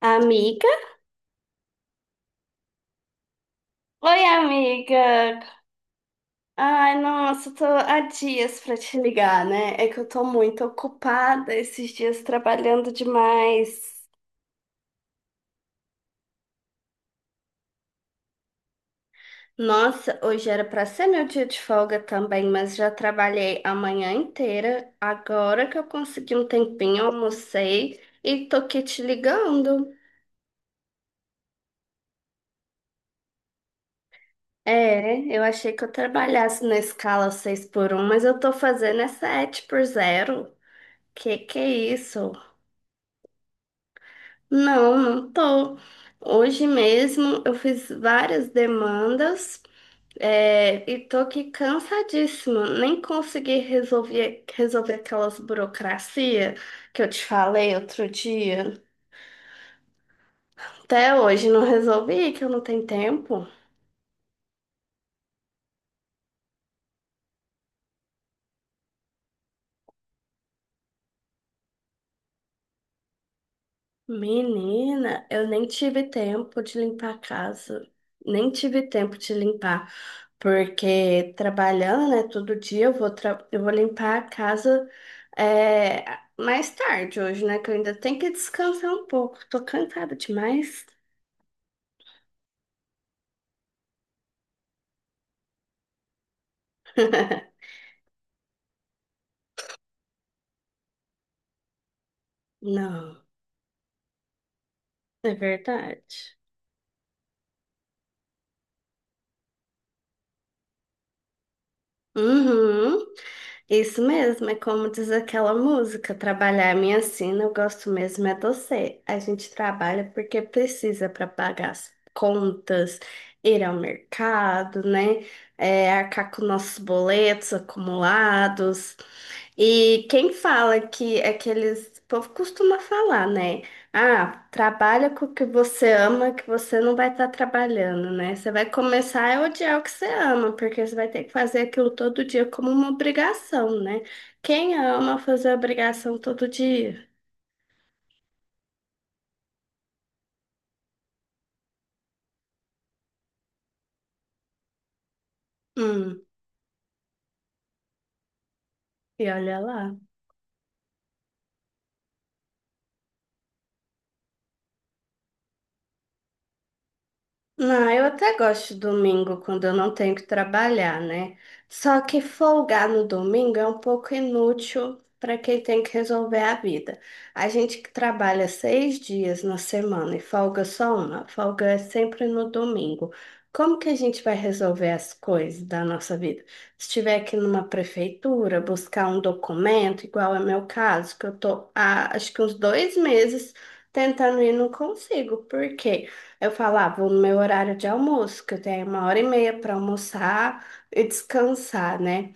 Amiga? Oi, amiga. Ai, nossa, tô há dias pra te ligar, né? É que eu tô muito ocupada esses dias trabalhando demais. Nossa, hoje era pra ser meu dia de folga também, mas já trabalhei a manhã inteira. Agora que eu consegui um tempinho, almocei e tô aqui te ligando. É, eu achei que eu trabalhasse na escala 6 por um, mas eu tô fazendo é 7 por zero. Que é isso? Não, não tô. Hoje mesmo eu fiz várias demandas, e tô aqui cansadíssima. Nem consegui resolver aquelas burocracia que eu te falei outro dia. Até hoje não resolvi, que eu não tenho tempo. Menina, eu nem tive tempo de limpar a casa, nem tive tempo de limpar, porque trabalhando, né, todo dia eu vou, eu vou limpar a casa é, mais tarde hoje, né, que eu ainda tenho que descansar um pouco, tô cansada demais. Não, é verdade. Uhum. Isso mesmo, é como diz aquela música, trabalhar é minha sina, eu gosto mesmo é você. A gente trabalha porque precisa para pagar as contas, ir ao mercado, né? É, arcar com nossos boletos acumulados. E quem fala que é que eles, o povo costuma falar, né? Ah, trabalha com o que você ama, que você não vai estar trabalhando, né? Você vai começar a odiar o que você ama, porque você vai ter que fazer aquilo todo dia como uma obrigação, né? Quem ama fazer obrigação todo dia? Hum, e olha lá. Não, eu até gosto de domingo quando eu não tenho que trabalhar, né? Só que folgar no domingo é um pouco inútil para quem tem que resolver a vida. A gente que trabalha seis dias na semana e folga só uma, folga é sempre no domingo. Como que a gente vai resolver as coisas da nossa vida? Se estiver aqui numa prefeitura, buscar um documento, igual é meu caso, que eu tô há acho que uns dois meses tentando e não consigo. Por quê? Eu falava, vou no meu horário de almoço, que eu tenho uma hora e meia para almoçar e descansar, né?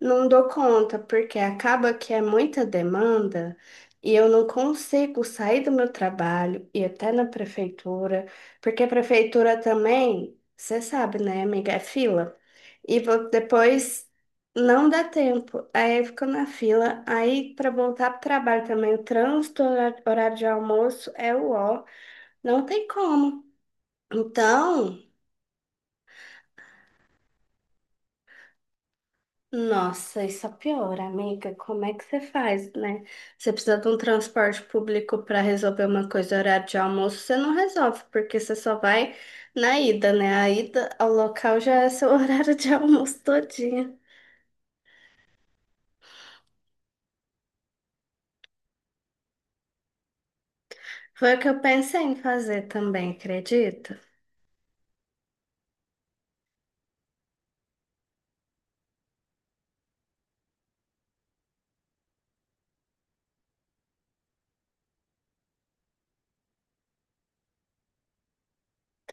Não dou conta, porque acaba que é muita demanda e eu não consigo sair do meu trabalho e até na prefeitura, porque a prefeitura também, você sabe, né, amiga, é fila. E depois não dá tempo. Aí eu fico na fila. Aí para voltar para o trabalho também, o trânsito, horário de almoço é o ó. Não tem como. Então, nossa, isso é pior, amiga. Como é que você faz, né? Você precisa de um transporte público para resolver uma coisa, horário de almoço, você não resolve, porque você só vai na ida, né? A ida ao local já é seu horário de almoço todinho. Foi o que eu pensei em fazer também, acredita?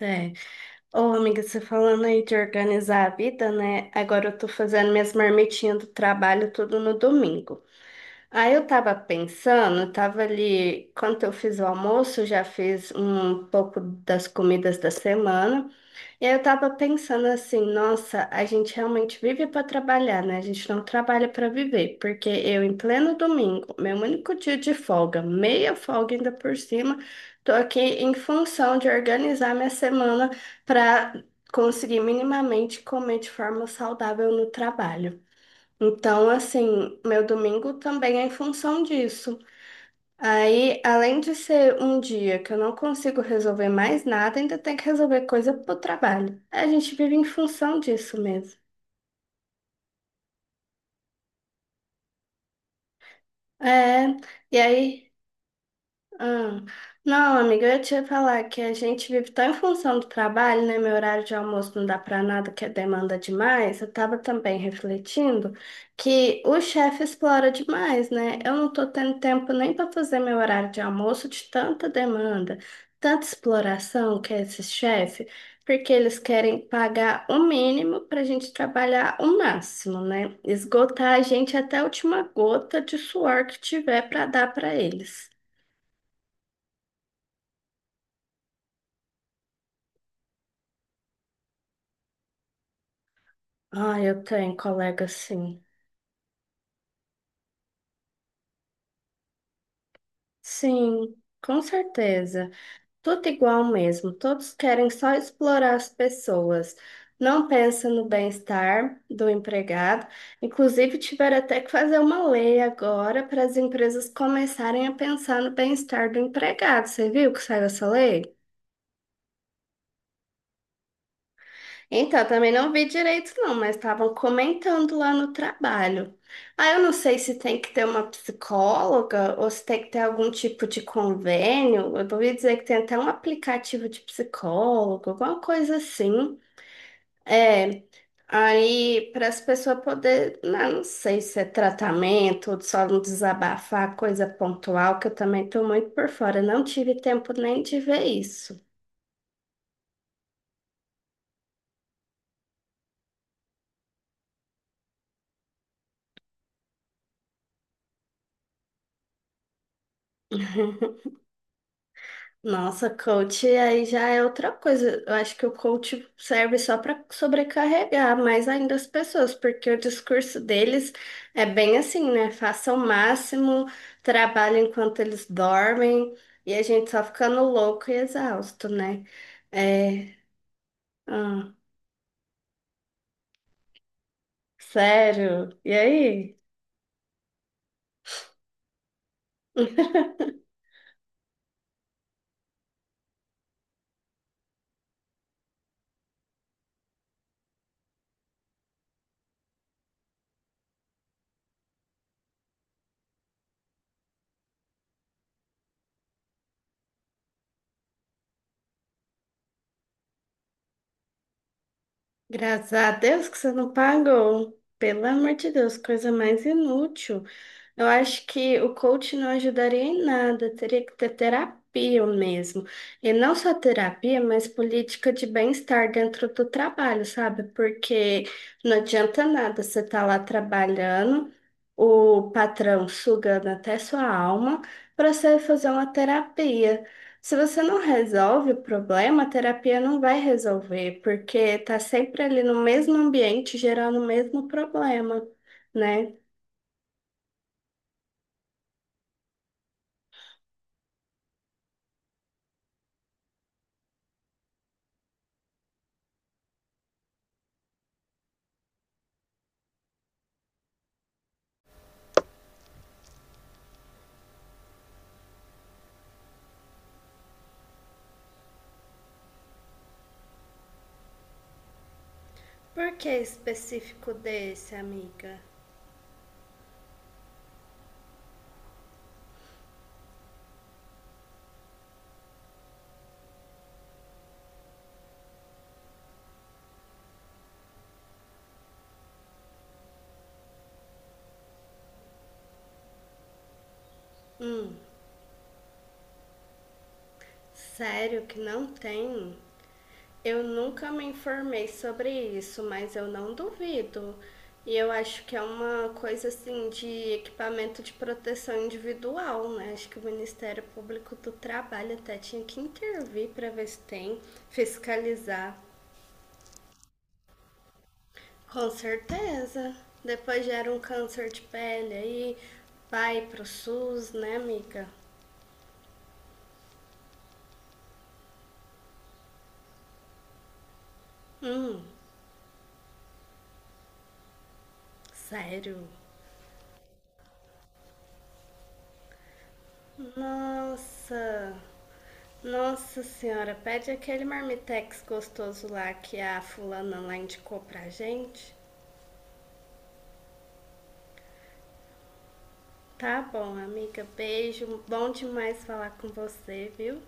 É. Ô, amiga, você falando aí de organizar a vida, né? Agora eu tô fazendo minhas marmitinhas do trabalho tudo no domingo. Aí eu tava pensando, eu tava ali, quando eu fiz o almoço, já fiz um pouco das comidas da semana, e aí eu tava pensando assim, nossa, a gente realmente vive para trabalhar, né? A gente não trabalha para viver, porque eu em pleno domingo, meu único dia de folga, meia folga ainda por cima, tô aqui em função de organizar minha semana para conseguir minimamente comer de forma saudável no trabalho. Então, assim, meu domingo também é em função disso. Aí, além de ser um dia que eu não consigo resolver mais nada, ainda tem que resolver coisa pro trabalho. A gente vive em função disso mesmo. É, e aí Ah, não, amiga, eu ia te falar que a gente vive tão em função do trabalho, né? Meu horário de almoço não dá pra nada, que demanda demais. Eu tava também refletindo que o chefe explora demais, né? Eu não tô tendo tempo nem pra fazer meu horário de almoço de tanta demanda, tanta exploração que é esse chefe, porque eles querem pagar o mínimo pra gente trabalhar o máximo, né? Esgotar a gente até a última gota de suor que tiver pra dar pra eles. Ah, eu tenho colega, sim. Sim, com certeza. Tudo igual mesmo. Todos querem só explorar as pessoas. Não pensa no bem-estar do empregado. Inclusive, tiveram até que fazer uma lei agora para as empresas começarem a pensar no bem-estar do empregado. Você viu que saiu essa lei? Então, eu também não vi direito, não, mas estavam comentando lá no trabalho. Ah, eu não sei se tem que ter uma psicóloga ou se tem que ter algum tipo de convênio. Eu ouvi dizer que tem até um aplicativo de psicólogo, alguma coisa assim. É, aí para as pessoas poderem, não, não sei se é tratamento ou só não desabafar, coisa pontual, que eu também estou muito por fora. Não tive tempo nem de ver isso. Nossa, coach aí já é outra coisa. Eu acho que o coach serve só para sobrecarregar mais ainda as pessoas, porque o discurso deles é bem assim, né? Façam o máximo, trabalhem enquanto eles dormem, e a gente só ficando louco e exausto, né? É, ah, sério. E aí? Graças a Deus que você não pagou. Pelo amor de Deus, coisa mais inútil. Eu acho que o coach não ajudaria em nada, teria que ter terapia mesmo. E não só terapia, mas política de bem-estar dentro do trabalho, sabe? Porque não adianta nada você estar lá trabalhando, o patrão sugando até sua alma, para você fazer uma terapia. Se você não resolve o problema, a terapia não vai resolver, porque tá sempre ali no mesmo ambiente, gerando o mesmo problema, né? Por que específico desse, amiga? Hum, sério que não tem? Eu nunca me informei sobre isso, mas eu não duvido. E eu acho que é uma coisa assim de equipamento de proteção individual, né? Acho que o Ministério Público do Trabalho até tinha que intervir para ver se tem, fiscalizar. Com certeza. Depois gera um câncer de pele aí, vai pro SUS, né, amiga? Hum, sério. Nossa, nossa senhora, pede aquele marmitex gostoso lá que a fulana lá indicou pra gente. Tá bom, amiga, beijo. Bom demais falar com você, viu?